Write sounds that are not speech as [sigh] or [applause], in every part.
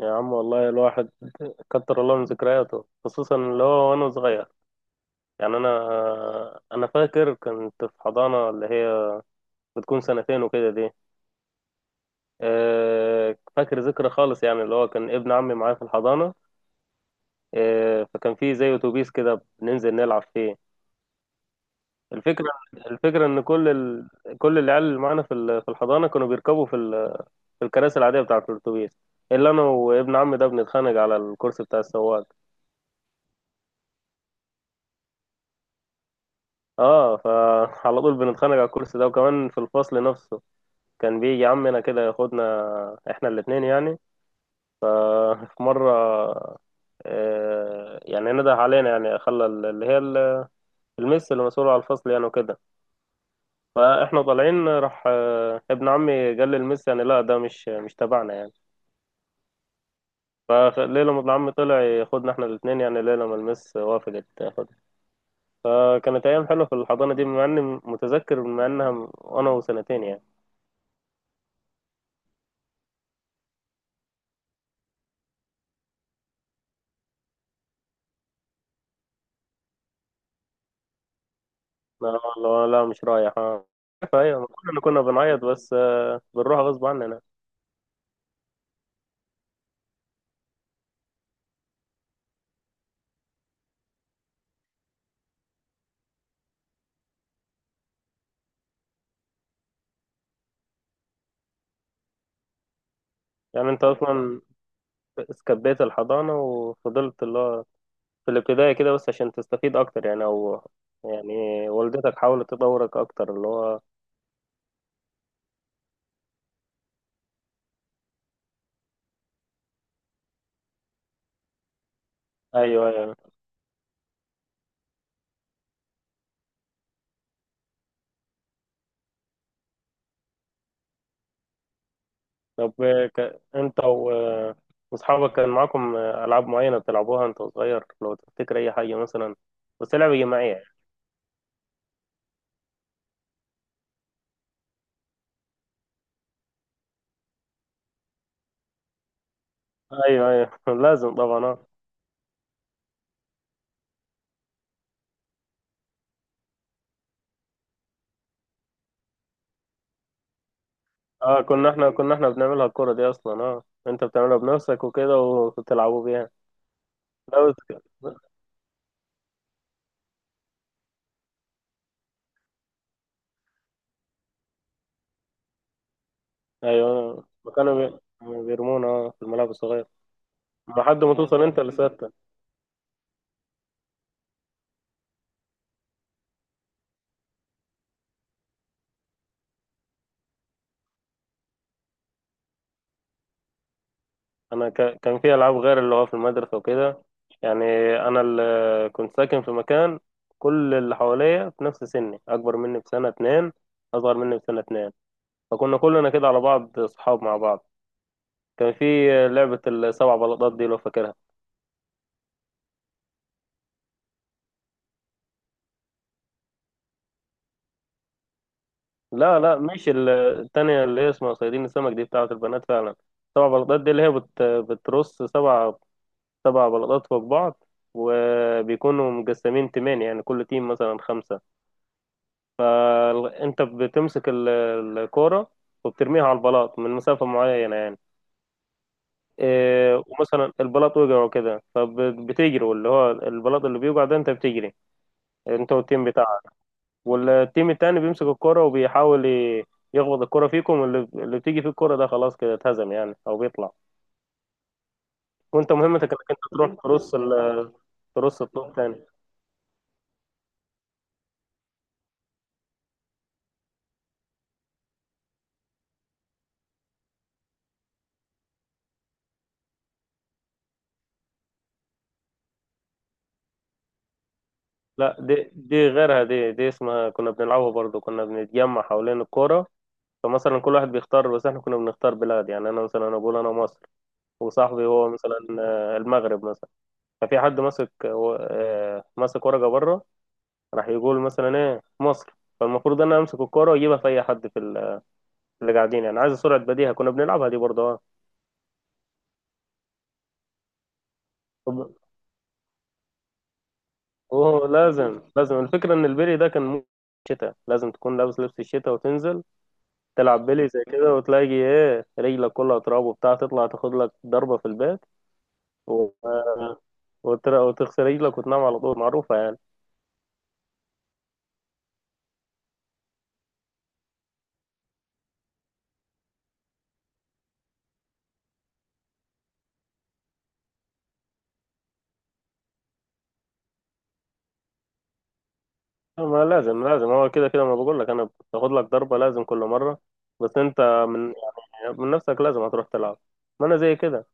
يا عم، والله الواحد كتر الله من ذكرياته، خصوصا اللي هو وانا صغير. يعني انا فاكر كنت في حضانه، اللي هي بتكون سنتين وكده دي. فاكر ذكرى خالص، يعني اللي هو كان ابن عمي معايا في الحضانه. فكان في زي اتوبيس كده بننزل نلعب فيه. الفكره الفكره ان كل كل العيال اللي معانا في الحضانه كانوا بيركبوا في الكراسي العاديه بتاعه الاتوبيس. الا انا وابن عمي ده بنتخانق على الكرسي بتاع السواق. اه. فعلى طول بنتخانق على الكرسي ده، وكمان في الفصل نفسه كان بيجي عمنا كده ياخدنا احنا الاتنين يعني. في مرة، يعني نده علينا، يعني خلى اللي هي المس اللي مسؤولة على الفصل يعني وكده. فاحنا طالعين راح، ابن عمي قال للمس، يعني لا ده مش تبعنا يعني. فليلة ما ابن عمي طلع ياخدنا احنا الاتنين يعني، ليلة ما المس وافقت تاخدنا. فكانت أيام حلوة في الحضانة دي، مع إني متذكر مع إنها وأنا وسنتين يعني. لا، لا، لا، مش رايح. اه، ايوه، ما كلنا كنا بنعيط بس. بنروح غصب عننا. يعني انت اصلا سكبيت الحضانه وفضلت اللي هو في الابتدائي كده بس عشان تستفيد اكتر يعني، او يعني والدتك حاولت تدورك اكتر اللي هو. ايوه ايوه. طب، انت و واصحابك كان معاكم العاب معينه بتلعبوها انت صغير لو تفتكر اي حاجه مثلا، بس لعبه جماعيه. ايوه ايوه. [laughs] لازم طبعا آه. اه كنا احنا كنا احنا بنعملها الكرة دي اصلا. اه، انت بتعملها بنفسك وكده وبتلعبوا بيها. لا بس. ايوه، ما كانوا بيرمونا اه في الملعب الصغير. لحد ما توصل انت لسته. انا كان في العاب غير اللي هو في المدرسه وكده، يعني انا اللي كنت ساكن في مكان كل اللي حواليا في نفس سني، اكبر مني بسنه اتنين، اصغر مني بسنه اتنين. فكنا كلنا كده على بعض اصحاب مع بعض. كان في لعبه السبع بلاطات دي، لو فاكرها. لا لا، مش التانية اللي هي اسمها صيادين السمك دي بتاعة البنات فعلا. سبع بلاطات دي اللي هي بترص سبع، سبع بلاطات فوق بعض، وبيكونوا مقسمين تيمين يعني كل تيم مثلا خمسة. انت بتمسك الكورة، وبترميها على البلاط من مسافة معينة يعني. إيه، ومثلا البلاط وقع وكده، فبتجري واللي هو البلاط اللي بيوقع ده انت بتجري انت والتيم بتاعك. والتيم التاني بيمسك الكرة وبيحاول يخبط الكرة فيكم، اللي بتيجي فيه الكرة ده خلاص كده اتهزم يعني، او بيطلع. وانت مهمتك انك انت تروح ترص ترص الطوب تاني. لا، دي غيرها، دي اسمها كنا بنلعبها برضو. كنا بنتجمع حوالين الكرة، فمثلا كل واحد بيختار، بس احنا كنا بنختار بلاد يعني، انا مثلا انا بقول انا مصر، وصاحبي هو مثلا المغرب مثلا. ففي حد ماسك، ماسك ورقة بره راح يقول مثلا ايه مصر، فالمفروض ان انا امسك الكرة واجيبها في اي حد في اللي قاعدين يعني. عايز سرعة بديهة كنا بنلعبها دي برضه اه. طب- اوه لازم لازم. الفكرة ان البيلي ده كان مو شتاء، لازم تكون لابس لبس الشتاء وتنزل تلعب بيلي زي كده، وتلاقي ايه رجلك كلها تراب وبتاع، تطلع تاخد لك ضربة في البيت و... وتغسل رجلك وتنام على طول، معروفة يعني. ما لازم لازم، هو كده كده ما بقول لك انا بتاخد لك ضربة لازم كل مرة، بس انت من يعني من نفسك لازم هتروح تلعب. ما انا زي كده،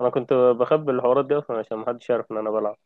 انا كنت بخبي الحوارات دي اصلا عشان محدش يعرف ان انا بلعب.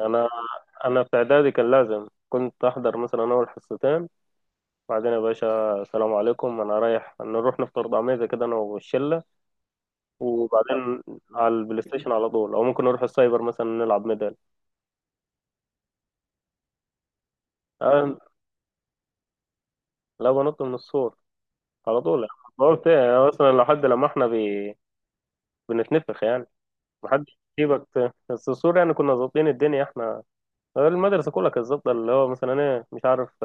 انا انا في اعدادي كان لازم كنت احضر مثلا اول حصتين، وبعدين يا باشا السلام عليكم، انا رايح نروح نفطر طعمية كده انا والشله. وبعدين على البلاي ستيشن على طول، او ممكن نروح السايبر مثلا نلعب ميدل. أنا لا، بنط من السور على طول يعني. قلت يعني اصلا لحد لما احنا بنتنفخ يعني محدش يجيبك بس السور يعني، كنا ظابطين الدنيا احنا. المدرسه كلها كانت ظابطه، اللي هو مثلا ايه مش عارف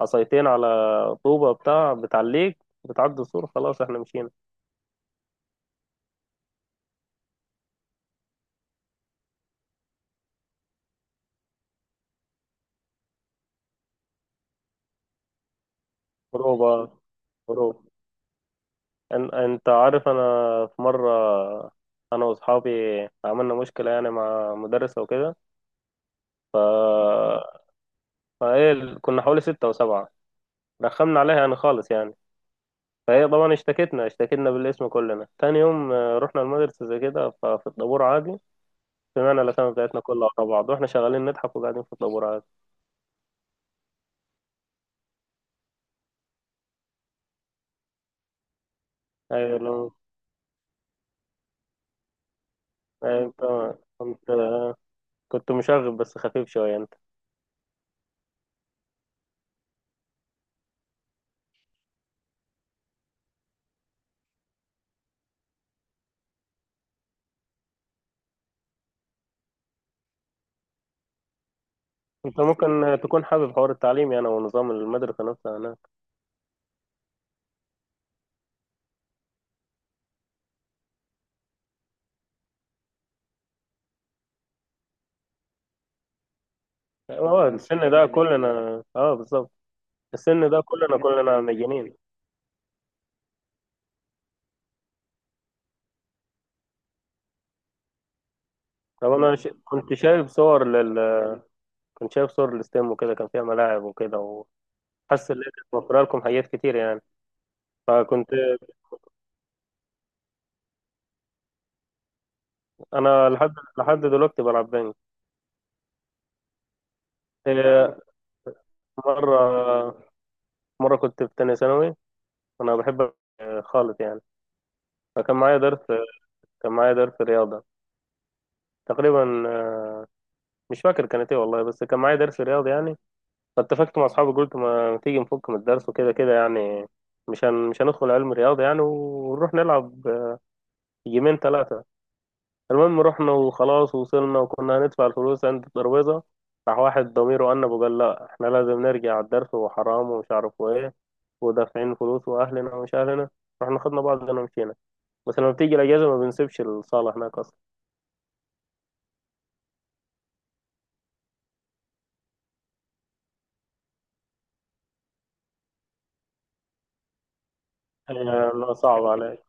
عصايتين على طوبه بتاع بتعليك بتعدي السور، خلاص احنا مشينا. بروبا بروبا. انت عارف، انا في مرة انا واصحابي عملنا مشكلة يعني مع مدرسة وكده، فهي كنا حوالي ستة او سبعة رخمنا عليها يعني خالص يعني. فهي طبعا اشتكتنا بالاسم كلنا. تاني يوم، رحنا المدرسة زي كده، ففي الطابور عادي سمعنا الأسامي بتاعتنا كلها ورا بعض، واحنا شغالين نضحك وقاعدين في الطابور عادي. ايوه لو أيوة، انت كنت كنت مشاغب بس خفيف شوية انت. انت ممكن تكون حابب حوار التعليم يعني ونظام المدرسة نفسها. اه السن ده مجانين كلنا. اه بالظبط، السن ده كلنا مجانين. طب انا كنت شايف صور كنت شايف صور الاستيم وكده، كان فيها ملاعب وكده، وحاسس ان هي كانت موفره لكم حاجات كتير يعني، فكنت. انا لحد، دلوقتي بلعب بينج. إيه، مره مره كنت في تانية ثانوي، انا بحب خالص يعني. فكان معايا درس، كان معايا درس رياضه تقريبا، مش فاكر كانت ايه والله، بس كان معايا درس رياضه يعني. فاتفقت مع اصحابي قلت ما تيجي نفك من الدرس وكده كده يعني، مش هندخل علم رياضه يعني ونروح نلعب جيمين ثلاثه. المهم رحنا وخلاص وصلنا وكنا هندفع الفلوس عند الترابيزه، راح واحد ضميره انب وقال لا احنا لازم نرجع الدرس وحرام ومش عارف ايه، ودافعين فلوس واهلنا ومش اهلنا، رحنا خدنا بعضنا ومشينا. بس لما بتيجي الاجازه ما بنسيبش الصاله هناك اصلا. يعني صعب عليك.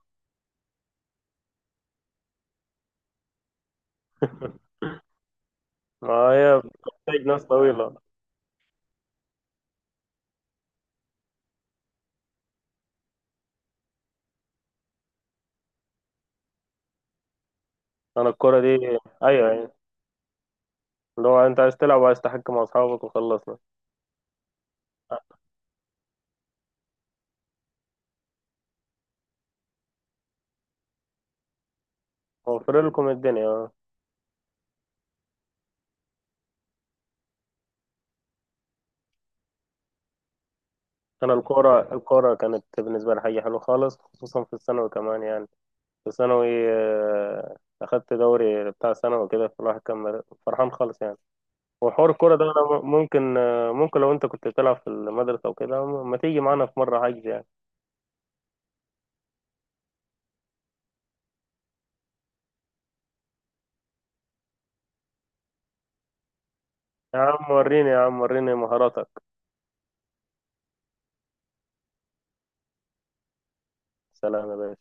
[laughs] ما هي بتحتاج ناس طويله. انا الكره دي، ايوه أيوة. اللي هو انت عايز تلعب وعايز تحكي مع اصحابك وخلصنا. موفر لكم الدنيا اه. انا الكوره كانت بالنسبه لي حاجه حلوه خالص خصوصا في الثانوي كمان يعني. في الثانوي، آه، اخدت دوري بتاع ثانوي كده، فالواحد كان فرحان خالص يعني. وحوار الكوره ده انا ممكن، ممكن لو انت كنت بتلعب في المدرسه وكده ما تيجي معانا في مره حجز يعني. يا عم وريني، يا عم وريني مهاراتك. سلام يا باشا.